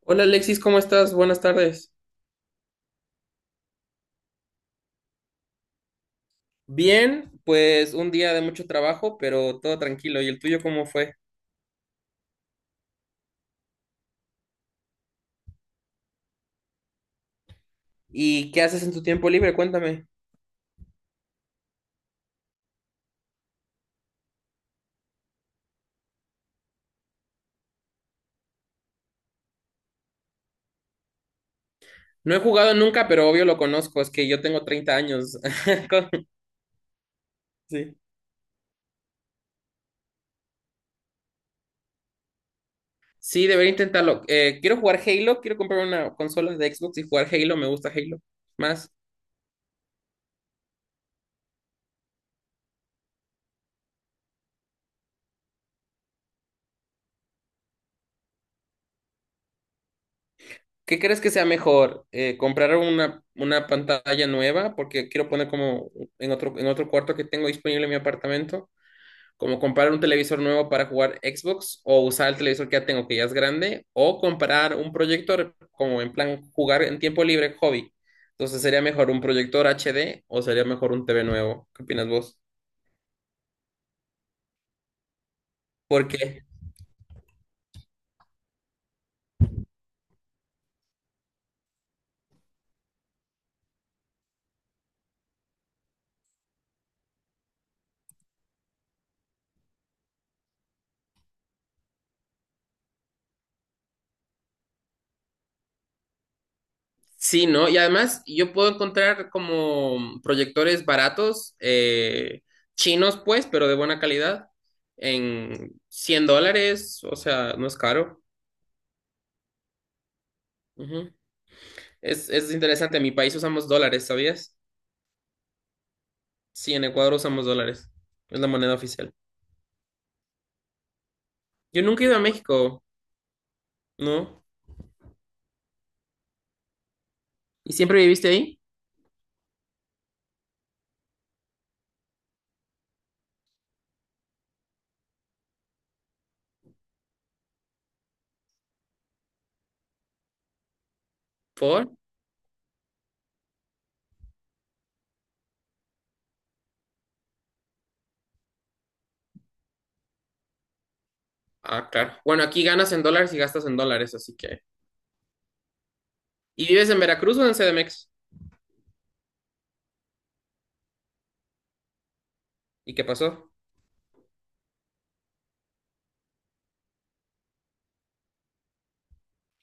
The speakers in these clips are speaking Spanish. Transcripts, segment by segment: Hola Alexis, ¿cómo estás? Buenas tardes. Bien, pues un día de mucho trabajo, pero todo tranquilo. ¿Y el tuyo cómo fue? ¿Y qué haces en tu tiempo libre? Cuéntame. No he jugado nunca, pero obvio lo conozco. Es que yo tengo 30 años. Con- Sí. Sí, debería intentarlo. Quiero jugar Halo, quiero comprar una consola de Xbox y jugar Halo. Me gusta Halo más. ¿Qué crees que sea mejor? ¿Comprar una pantalla nueva? Porque quiero poner como en otro cuarto que tengo disponible en mi apartamento. Como comprar un televisor nuevo para jugar Xbox o usar el televisor que ya tengo, que ya es grande, o comprar un proyector como en plan jugar en tiempo libre, hobby. Entonces, ¿sería mejor un proyector HD o sería mejor un TV nuevo? ¿Qué opinas vos? Porque sí, ¿no? Y además yo puedo encontrar como proyectores baratos, chinos pues, pero de buena calidad, en $100, o sea, no es caro. Ujú. Es interesante, en mi país usamos dólares, ¿sabías? Sí, en Ecuador usamos dólares. Es la moneda oficial. Yo nunca he ido a México, ¿no? ¿Y siempre viviste ahí? ¿Por? Ah, claro. Bueno, aquí ganas en dólares y gastas en dólares, así que. ¿Y vives en Veracruz o en CDMX? ¿Y qué pasó?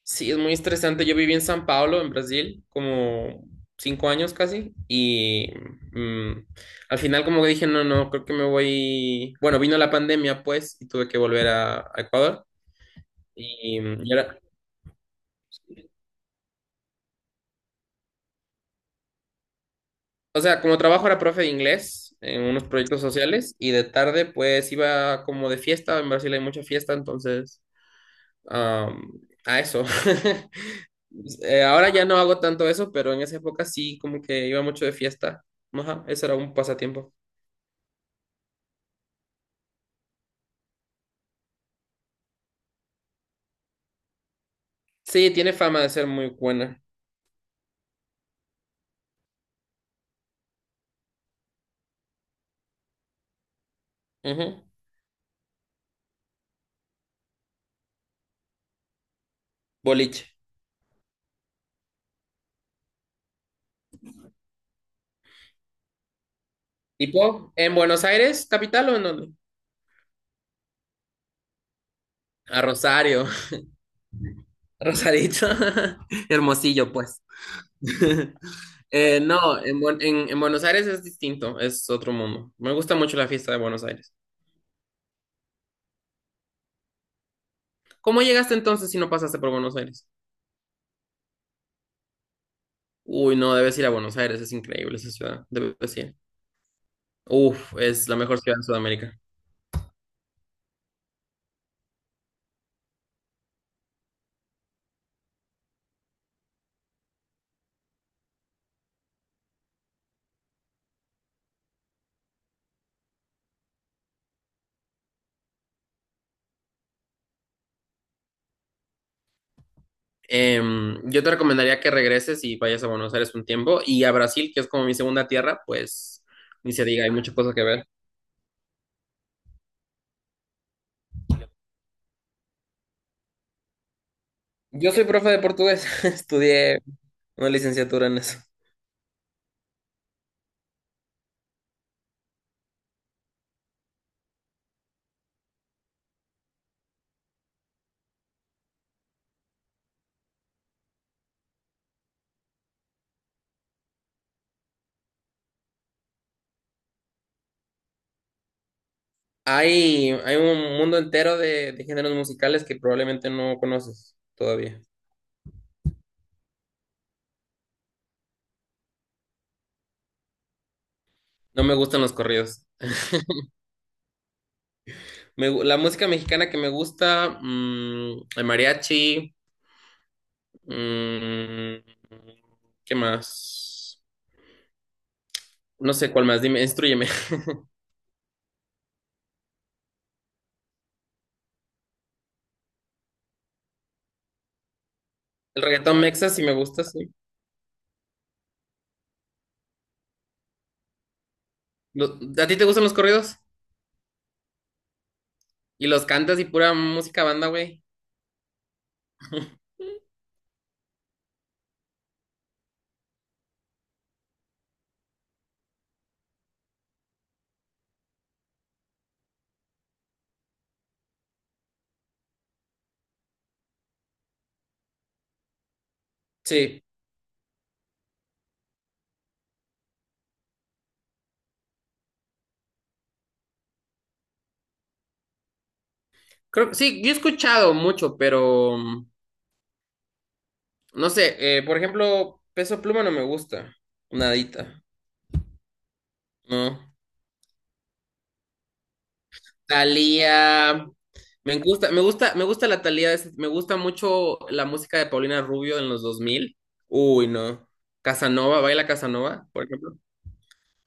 Sí, es muy estresante. Yo viví en San Pablo, en Brasil, como 5 años casi. Y mm, al final, como que dije, no, no, creo que me voy. Bueno, vino la pandemia, pues, y tuve que volver a Ecuador. Y, mm, y ahora- O sea, como trabajo era profe de inglés en unos proyectos sociales y de tarde pues iba como de fiesta, en Brasil hay mucha fiesta, entonces am, a eso. Ahora ya no hago tanto eso, pero en esa época sí como que iba mucho de fiesta. Ajá, eso era un pasatiempo. Sí, tiene fama de ser muy buena. Ujú. Boliche. ¿Tipo? ¿En Buenos Aires, capital o en dónde? A Rosario. Rosarito. Hermosillo, pues. No, en Buenos Aires es distinto, es otro mundo. Me gusta mucho la fiesta de Buenos Aires. ¿Cómo llegaste entonces si no pasaste por Buenos Aires? Uy, no, debes ir a Buenos Aires, es increíble esa ciudad, debes ir. Uf, es la mejor ciudad de Sudamérica. Yo te recomendaría que regreses y vayas a Buenos Aires un tiempo y a Brasil, que es como mi segunda tierra, pues ni se diga, hay muchas cosas que ver. Yo soy profe de portugués, estudié una licenciatura en eso. Hay un mundo entero de géneros musicales que probablemente no conoces todavía. No me gustan los corridos. Me gu- la música mexicana que me gusta, el mariachi, mm, ¿qué más? No sé cuál más, dime, instrúyeme. El reggaetón mexa sí me gusta, sí. Lo- ¿a ti te gustan los corridos? Y los cantas y pura música banda, güey. Sí. Creo, sí, yo he escuchado mucho, pero no sé, por ejemplo, Peso Pluma no me gusta, nadita, ¿no? Talía, me gusta, me gusta, me gusta la Talía, me gusta mucho la música de Paulina Rubio en los 2000. Uy, no. Casanova, Baila Casanova, por ejemplo.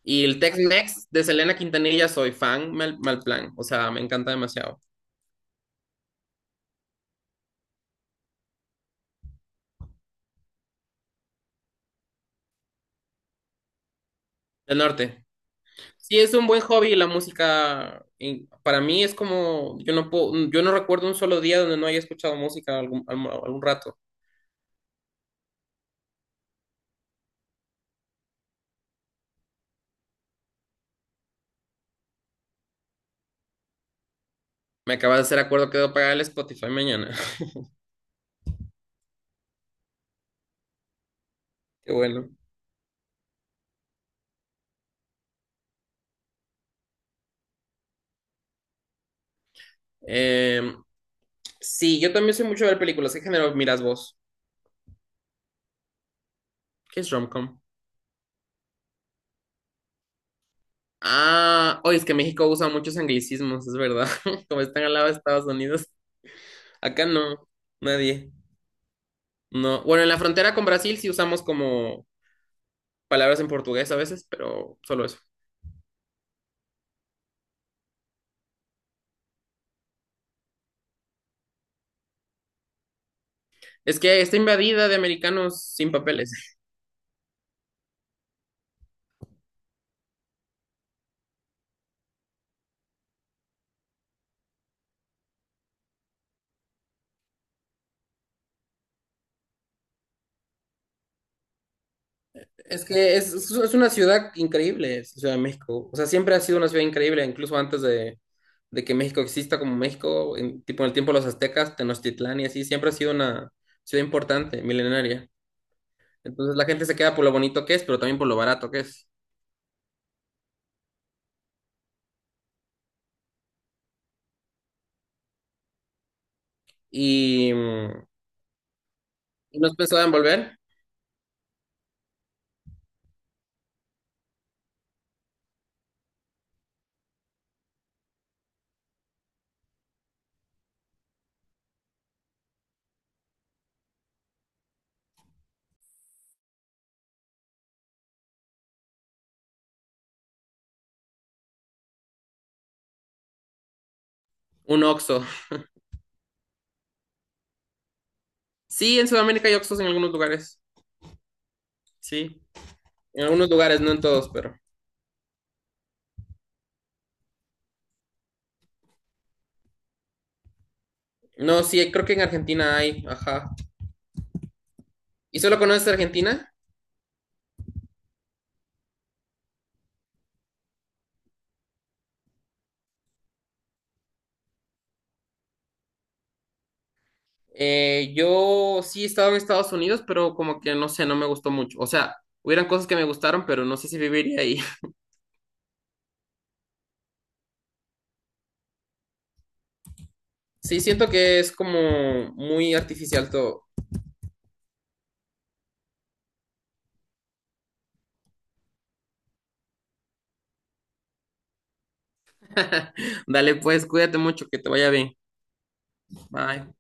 Y el Tex-Mex de Selena Quintanilla soy fan, mal, mal plan, o sea, me encanta demasiado. Del norte. Sí, es un buen hobby la música. Y para mí es como, yo no puedo, yo no recuerdo un solo día donde no haya escuchado música algún rato. Me acabas de hacer acuerdo que debo pagar el Spotify mañana. Qué bueno. Eh, sí, yo también soy mucho de ver películas. ¿Qué género miras vos? ¿Qué es romcom? Ah, oye, es que México usa muchos anglicismos, es verdad. Como están al lado de Estados Unidos. Acá no, nadie. No. Bueno, en la frontera con Brasil sí usamos como palabras en portugués a veces, pero solo eso. Es que está invadida de americanos sin papeles. Es que es una ciudad increíble, es la Ciudad de México. O sea, siempre ha sido una ciudad increíble, incluso antes de que México exista como México, en, tipo en el tiempo de los aztecas, Tenochtitlán y así, siempre ha sido una ciudad importante, milenaria. Entonces la gente se queda por lo bonito que es, pero también por lo barato que es. Y, mm, ¿Y nos pensaba en volver un Oxxo? Sí, en Sudamérica hay Oxxos en algunos lugares. Sí, en algunos lugares, no en todos, pero. No, sí, creo que en Argentina hay, ajá. ¿Y solo conoces Argentina? Yo sí he estado en Estados Unidos, pero como que no sé, no me gustó mucho. O sea, hubieran cosas que me gustaron, pero no sé si viviría ahí. Sí, siento que es como muy artificial todo. Dale, pues, cuídate mucho, que te vaya bien. Bye.